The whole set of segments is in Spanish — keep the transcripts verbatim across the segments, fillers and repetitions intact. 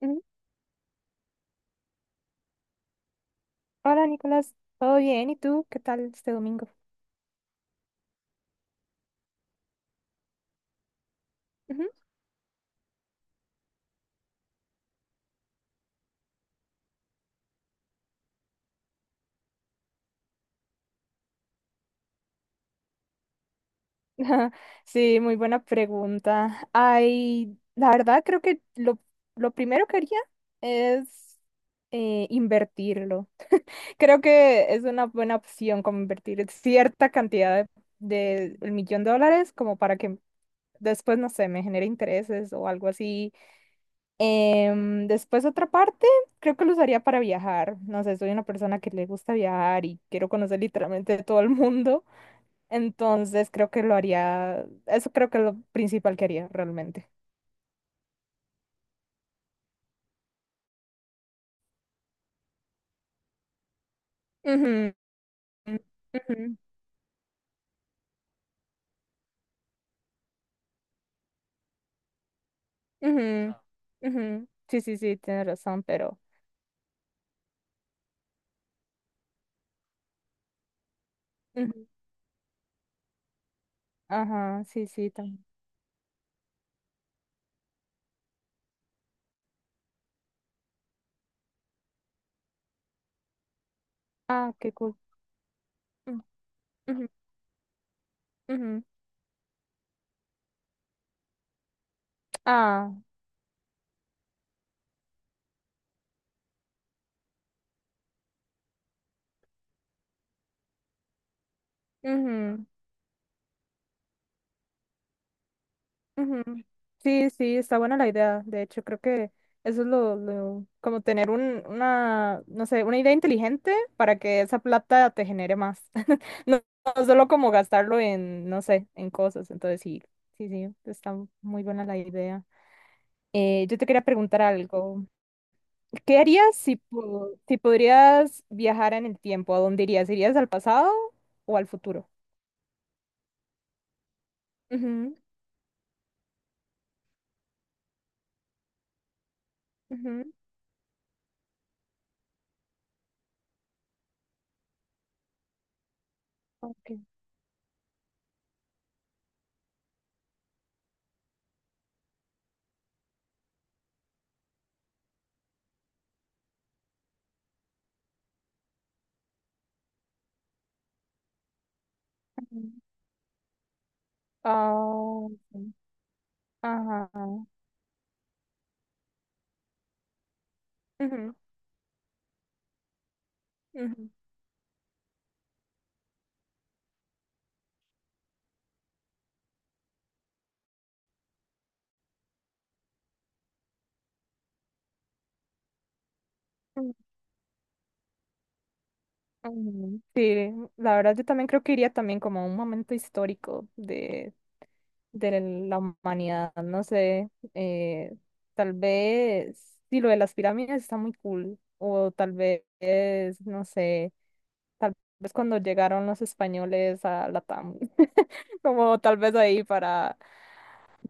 Ujú. Hola Nicolás, ¿todo bien? ¿Y tú? ¿Qué tal este domingo? Ujú. Sí, muy buena pregunta. Ay, la verdad creo que lo, lo primero que haría es eh, invertirlo. Creo que es una buena opción como invertir cierta cantidad de, del millón de dólares como para que después, no sé, me genere intereses o algo así. Em, después otra parte, creo que lo usaría para viajar. No sé, soy una persona que le gusta viajar y quiero conocer literalmente todo el mundo. Entonces creo que lo haría, eso creo que es lo principal que haría realmente. Ujú, ujú, ujú, ujú. Sí, sí, sí, tienes razón, pero... ujú, ajá, sí, sí, también. Ah, qué cool. Mm, ujú, ujú. Ah, ujú. Ujú. Sí, sí, está buena la idea. De hecho, creo que eso es lo, lo- como tener un, una, no sé, una idea inteligente para que esa plata te genere más. No, no solo como gastarlo en, no sé, en cosas. Entonces, sí, sí, sí, está muy buena la idea. Eh, yo te quería preguntar algo. ¿Qué harías si, po- si podrías viajar en el tiempo? ¿A dónde irías? ¿Irías al pasado o al futuro? Ujú, ujú, ok. Ujú. Ah, sí. Ajá. Ujú, ujú, ujú, ujú. Sí, la verdad yo también creo que iría también como a un momento histórico de, de la humanidad, no sé, eh, tal vez, sí, lo de las pirámides está muy cool, o tal vez, no sé, tal vez cuando llegaron los españoles a Latam, como tal vez ahí para,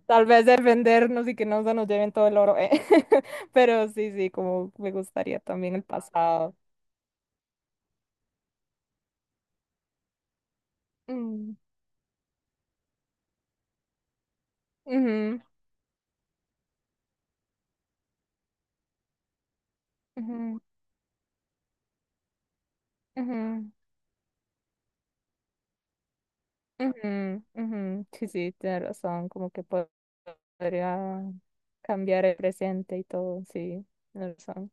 tal vez defendernos y que no se nos lleven todo el oro, eh. Pero sí, sí, como me gustaría también el pasado. Mm, ujú. Ujú, ujú, ujú, ujú. Sí, sí, tienes razón, como que po- podría cambiar el presente y todo, sí, tienes razón.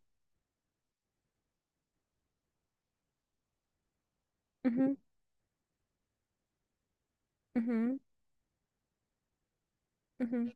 Ujú, ujú, ujú.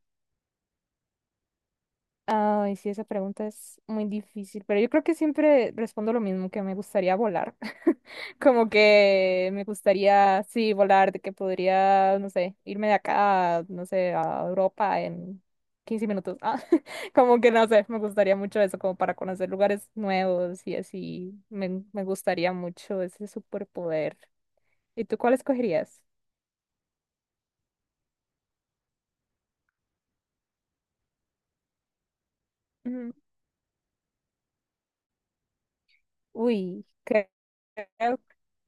Ay, sí, esa pregunta es muy difícil, pero yo creo que siempre respondo lo mismo, que me gustaría volar. Como que me gustaría, sí, volar, de que podría, no sé, irme de acá, no sé, a Europa en quince minutos. Ah, como que no sé, me gustaría mucho eso, como para conocer lugares nuevos y así. Me, me gustaría mucho ese superpoder. ¿Y tú cuál escogerías? Mm, uy, creo.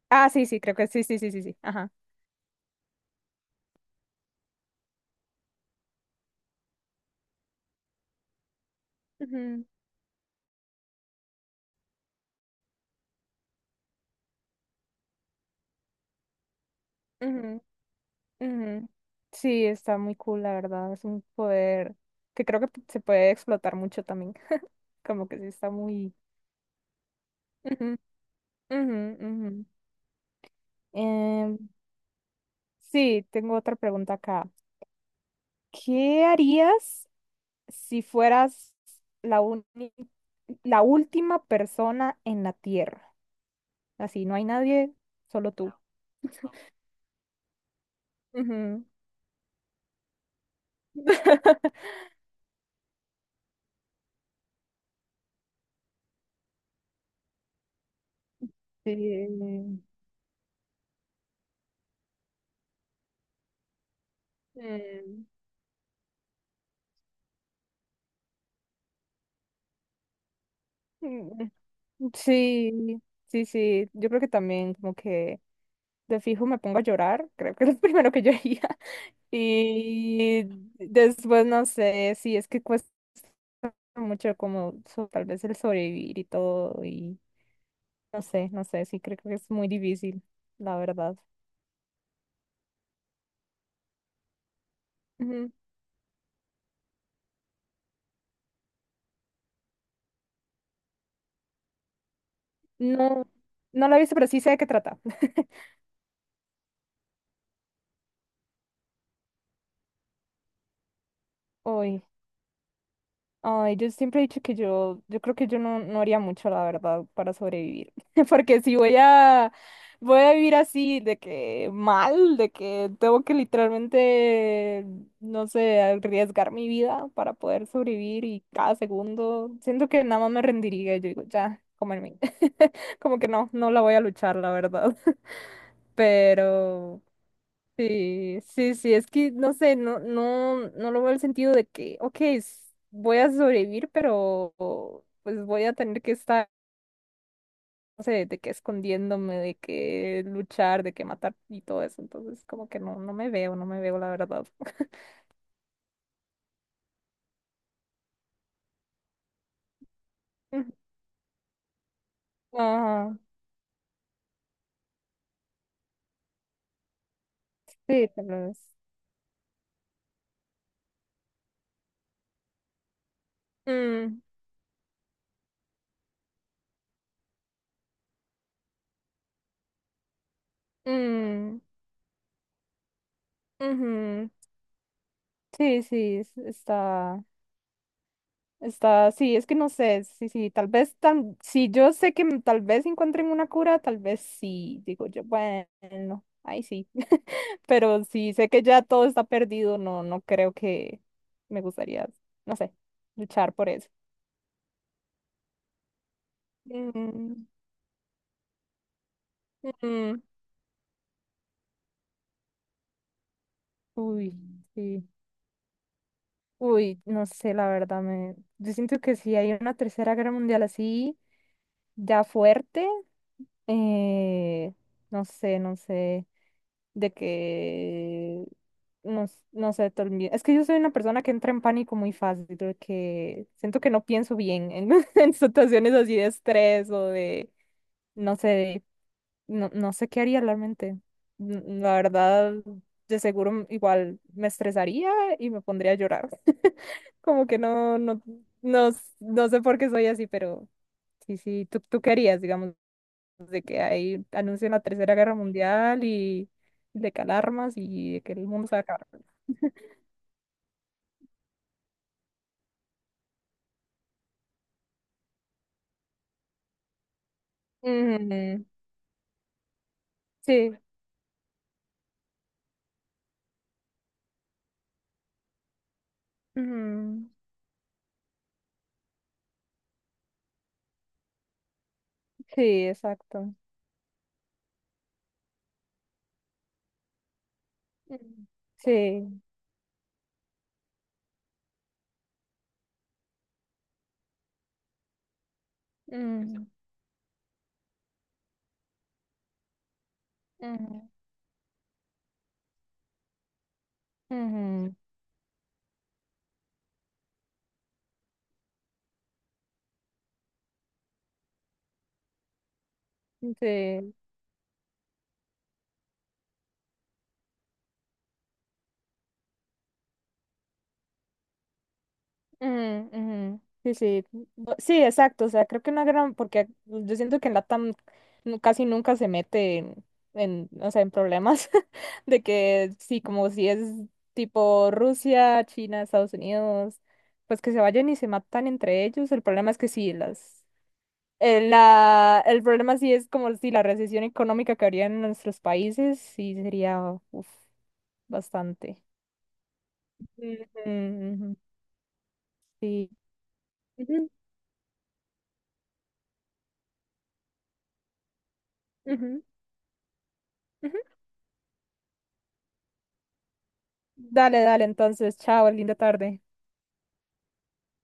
Ah, sí, sí, creo que sí, sí, sí, sí, sí. Ajá. Ujú, ujú. Sí, está muy cool, la verdad. Es un poder que creo que p- se puede explotar mucho también. Como que sí está muy... Ujú, ujú, ujú. Em, sí, tengo otra pregunta acá. ¿Qué harías si fueras la uni- la última persona en la Tierra? Así, no hay nadie, solo tú. Ujú. Sí. Mm. Mm, sí, sí, sí. Yo creo que también como que de fijo me pongo a llorar, creo que es lo primero que yo haría. Y después no sé, sí, es que cuesta mucho como so- tal vez el sobrevivir y todo y no sé, no sé, sí, creo que es muy difícil, la verdad. Ujú. No, no la he visto, pero sí sé de qué trata. Uy. Ay, yo siempre he dicho que yo, yo creo que yo no, no haría mucho, la verdad, para sobrevivir. Porque si voy a, voy a vivir así, de que mal, de que tengo que literalmente, no sé, arriesgar mi vida para poder sobrevivir y cada segundo, siento que nada más me rendiría. Yo digo, ya, comerme. Como que no, no la voy a luchar, la verdad. Pero. Sí, sí, sí, es que no sé, no, no, no lo veo el sentido de que, ok, s- voy a sobrevivir, pero pues voy a tener que estar, no sé, de que escondiéndome, de que luchar, de que matar y todo eso. Entonces, como que no, no me veo, no me veo, la verdad. Ujú. Ajá, sí, tal vez. Mm, mm, ujú. Sí, sí, es- está. Está, sí, es que no sé, sí, sí, tal vez, tan, si yo sé que m- tal vez encuentren una cura, tal vez sí, digo yo, bueno, ahí sí, pero si sé que ya todo está perdido, no, no creo que me gustaría, no sé, luchar por eso. Mm, mm, uy, sí, uy, no sé, la verdad, me, yo siento que si hay una tercera guerra mundial así, ya fuerte, eh, no sé, no sé. De que no, s- no sé, te olvi- es que yo soy una persona que entra en pánico muy fácil, de que siento que no pienso bien en, en situaciones así de estrés o de, no sé, de- no, no sé qué haría realmente. N- La verdad, de seguro m- igual me estresaría y me pondría a llorar. Como que no, no, no, s- no sé por qué soy así, pero sí, sí, tú, tú querías, digamos de que ahí anuncian la Tercera Guerra Mundial y de que alarmas y de que el mundo se va a acabar. Mm, sí, ujú, sí, exacto. Mm. Sí. Ujú, ujú, ujú, sí, ujú, ujú. Sí, sí, Bu- sí, exacto, o sea, creo que una gran, porque yo siento que en LATAM nu- casi nunca se mete en, en, o sea, en problemas de que sí, como si es tipo Rusia, China, Estados Unidos, pues que se vayan y se matan entre ellos, el problema es que sí, las, eh, la, el problema sí es como si la recesión económica que habría en nuestros países, sí sería, uf, bastante. Ujú, ujú. Sí. Ujú, ujú. Dale, dale, entonces, chao, linda tarde.